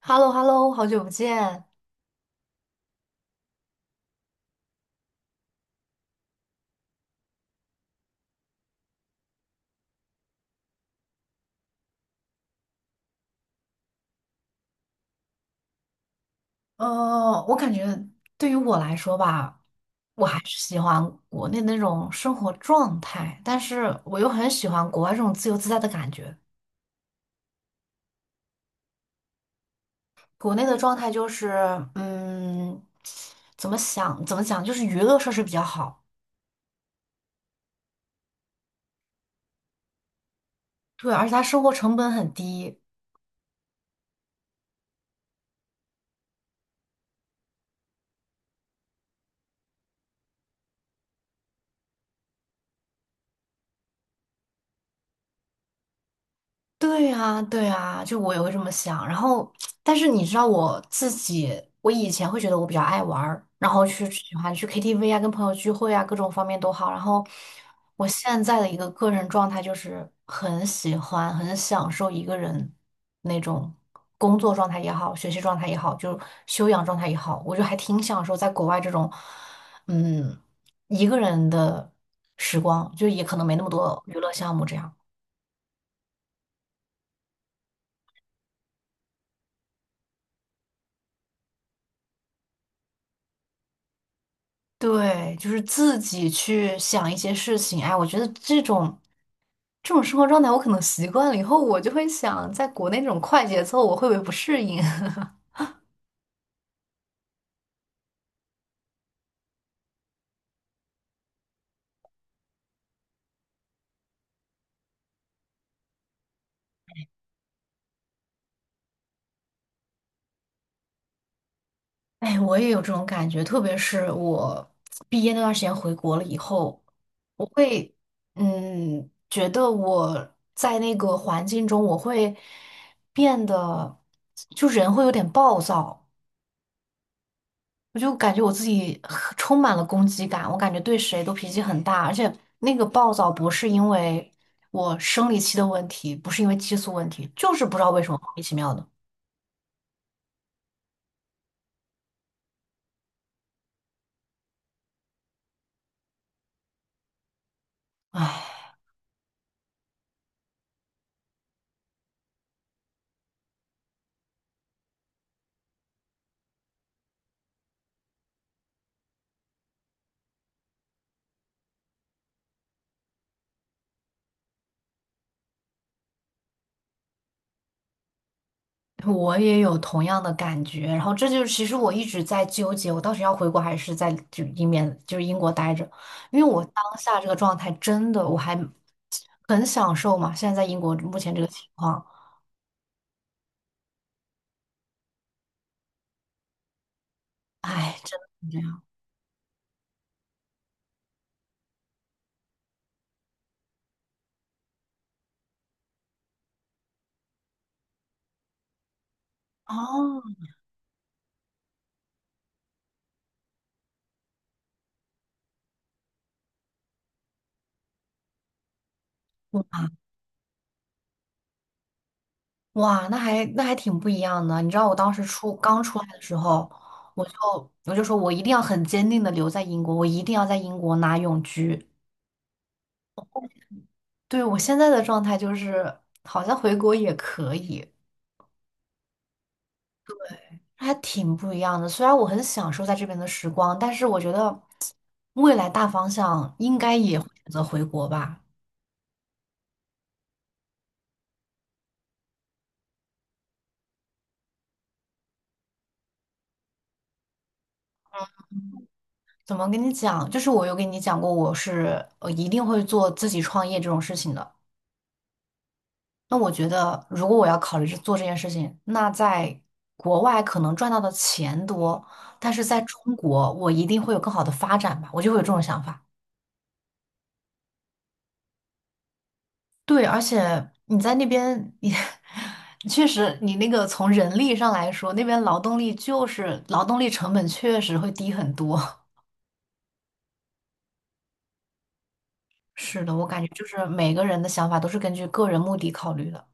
h e l l o h e l l o 好久不见。我感觉对于我来说吧，我还是喜欢国内那种生活状态，但是我又很喜欢国外这种自由自在的感觉。国内的状态就是，嗯，怎么想怎么讲，就是娱乐设施比较好。对，而且它生活成本很低。对啊，对啊，就我也会这么想。然后，但是你知道我自己，我以前会觉得我比较爱玩儿，然后去喜欢去 KTV 啊，跟朋友聚会啊，各种方面都好。然后，我现在的一个个人状态就是很喜欢、很享受一个人那种工作状态也好，学习状态也好，就修养状态也好，我就还挺享受在国外这种，嗯，一个人的时光，就也可能没那么多娱乐项目这样。对，就是自己去想一些事情。哎，我觉得这种生活状态，我可能习惯了以后，我就会想，在国内这种快节奏，我会不会不适应？哎，我也有这种感觉，特别是我毕业那段时间回国了以后，我会觉得我在那个环境中，我会变得就人会有点暴躁。我就感觉我自己很充满了攻击感，我感觉对谁都脾气很大，而且那个暴躁不是因为我生理期的问题，不是因为激素问题，就是不知道为什么莫名其妙的。唉，我也有同样的感觉，然后这就是其实我一直在纠结，我到底要回国还是在就英面就是英国待着，因为我当下这个状态真的我还很享受嘛，现在在英国目前这个情况，唉，真的是这样哦。哇，那还挺不一样的。你知道我当时刚出来的时候，我就我就说我一定要很坚定的留在英国，我一定要在英国拿永居。对，我现在的状态就是好像回国也可以，还挺不一样的。虽然我很享受在这边的时光，但是我觉得未来大方向应该也会选择回国吧。怎么跟你讲？就是我有跟你讲过，我是一定会做自己创业这种事情的。那我觉得，如果我要考虑着做这件事情，那在国外可能赚到的钱多，但是在中国，我一定会有更好的发展吧，我就会有这种想法。对，而且你在那边，你 确实，你那个从人力上来说，那边劳动力就是劳动力成本确实会低很多。是的，我感觉就是每个人的想法都是根据个人目的考虑的。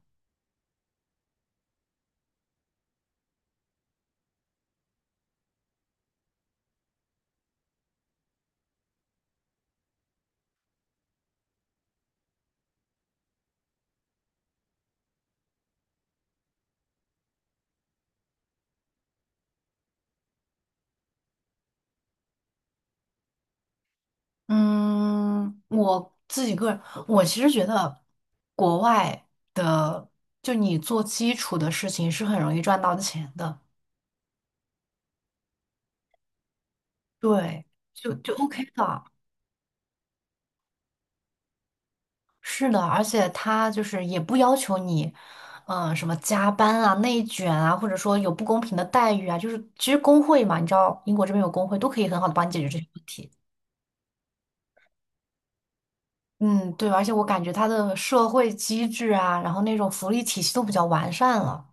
嗯，我自己个人，我其实觉得国外的，就你做基础的事情是很容易赚到钱的。对，就 OK 的，是的，而且他就是也不要求你，什么加班啊、内卷啊，或者说有不公平的待遇啊，就是其实工会嘛，你知道英国这边有工会，都可以很好的帮你解决这些问题。嗯，对，而且我感觉它的社会机制啊，然后那种福利体系都比较完善了。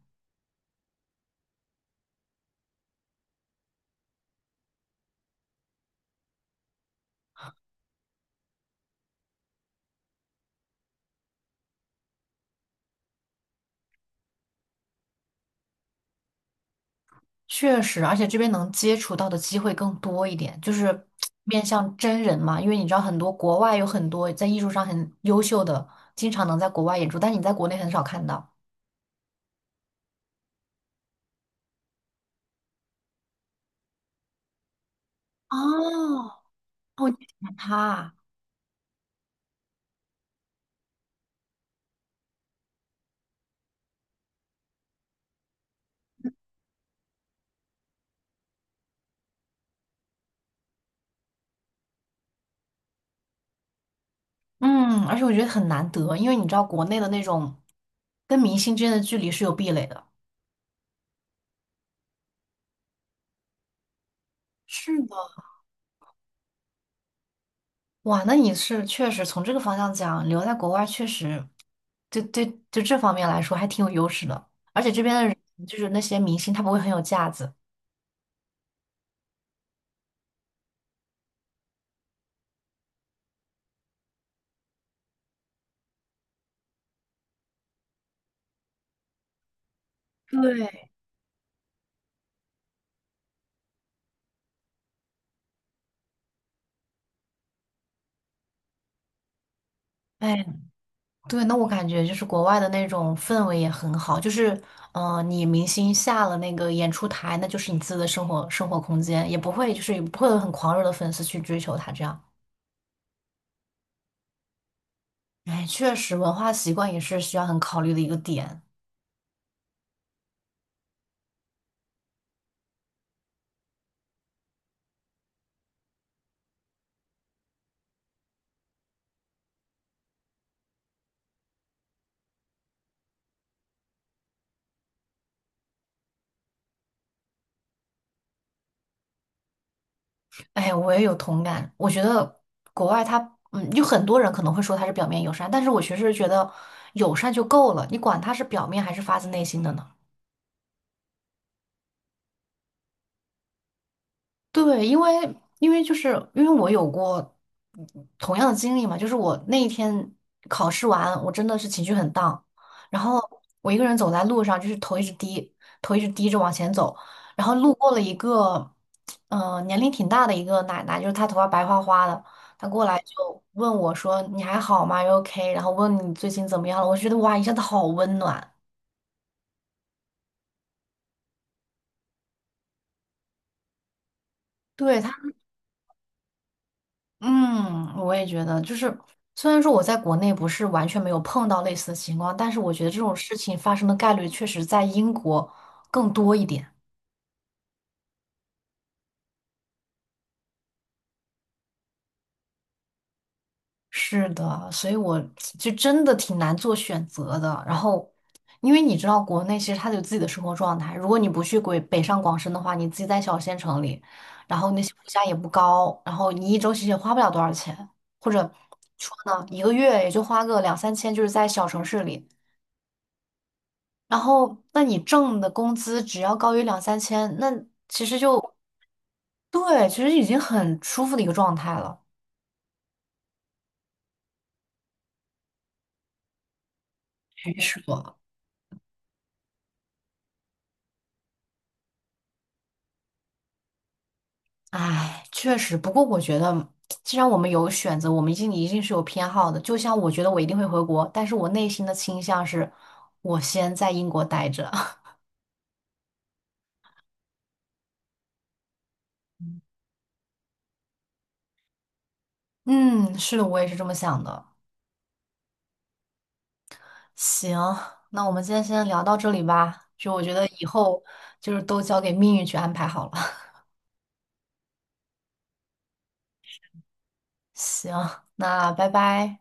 确实，而且这边能接触到的机会更多一点，就是 面向真人嘛，因为你知道很多国外有很多在艺术上很优秀的，经常能在国外演出，但你在国内很少看到。哦，我就喜欢他。嗯，而且我觉得很难得，因为你知道国内的那种跟明星之间的距离是有壁垒的。是的，哇，那你是确实从这个方向讲，留在国外确实，就对就这方面来说还挺有优势的。而且这边的人就是那些明星，他不会很有架子。对，哎，对，那我感觉就是国外的那种氛围也很好，就是，你明星下了那个演出台，那就是你自己的生活空间，也不会有很狂热的粉丝去追求他这样。哎，确实，文化习惯也是需要很考虑的一个点。哎，我也有同感，我觉得国外他，有很多人可能会说他是表面友善，但是我其实觉得友善就够了，你管他是表面还是发自内心的呢？对，因为我有过同样的经历嘛，就是我那一天考试完，我真的是情绪很 然后我一个人走在路上，就是头一直低着往前走，然后路过了一个，年龄挺大的一个奶奶，就是她头发白花花的，她过来就问我说：“你还好吗 OK?” 然后问你最近怎么样了，我就觉得哇，一下子好温暖。对，她。嗯，我也觉得，就是虽然说我在国内不是完全没有碰到类似的情况，但是我觉得这种事情发生的概率确实在英国更多一点。是的，所以我就真的挺难做选择的。然后，因为你知道，国内其实它有自己的生活状态，如果你不去鬼北上广深的话，你自己在小县城里，然后那些物价也不高，然后你一周其实也花不了多少钱，或者说呢，一个月也就花个两三千，就是在小城市里。然后那你挣的工资只要高于两三千，那其实就对，其实已经很舒服的一个状态了。没错，唉，确实。不过我觉得，既然我们有选择，我们一定一定是有偏好的。就像我觉得我一定会回国，但是我内心的倾向是，我先在英国待着。嗯，是的，我也是这么想的。行，那我们今天先聊到这里吧。就我觉得以后就是都交给命运去安排好了。行，那拜拜。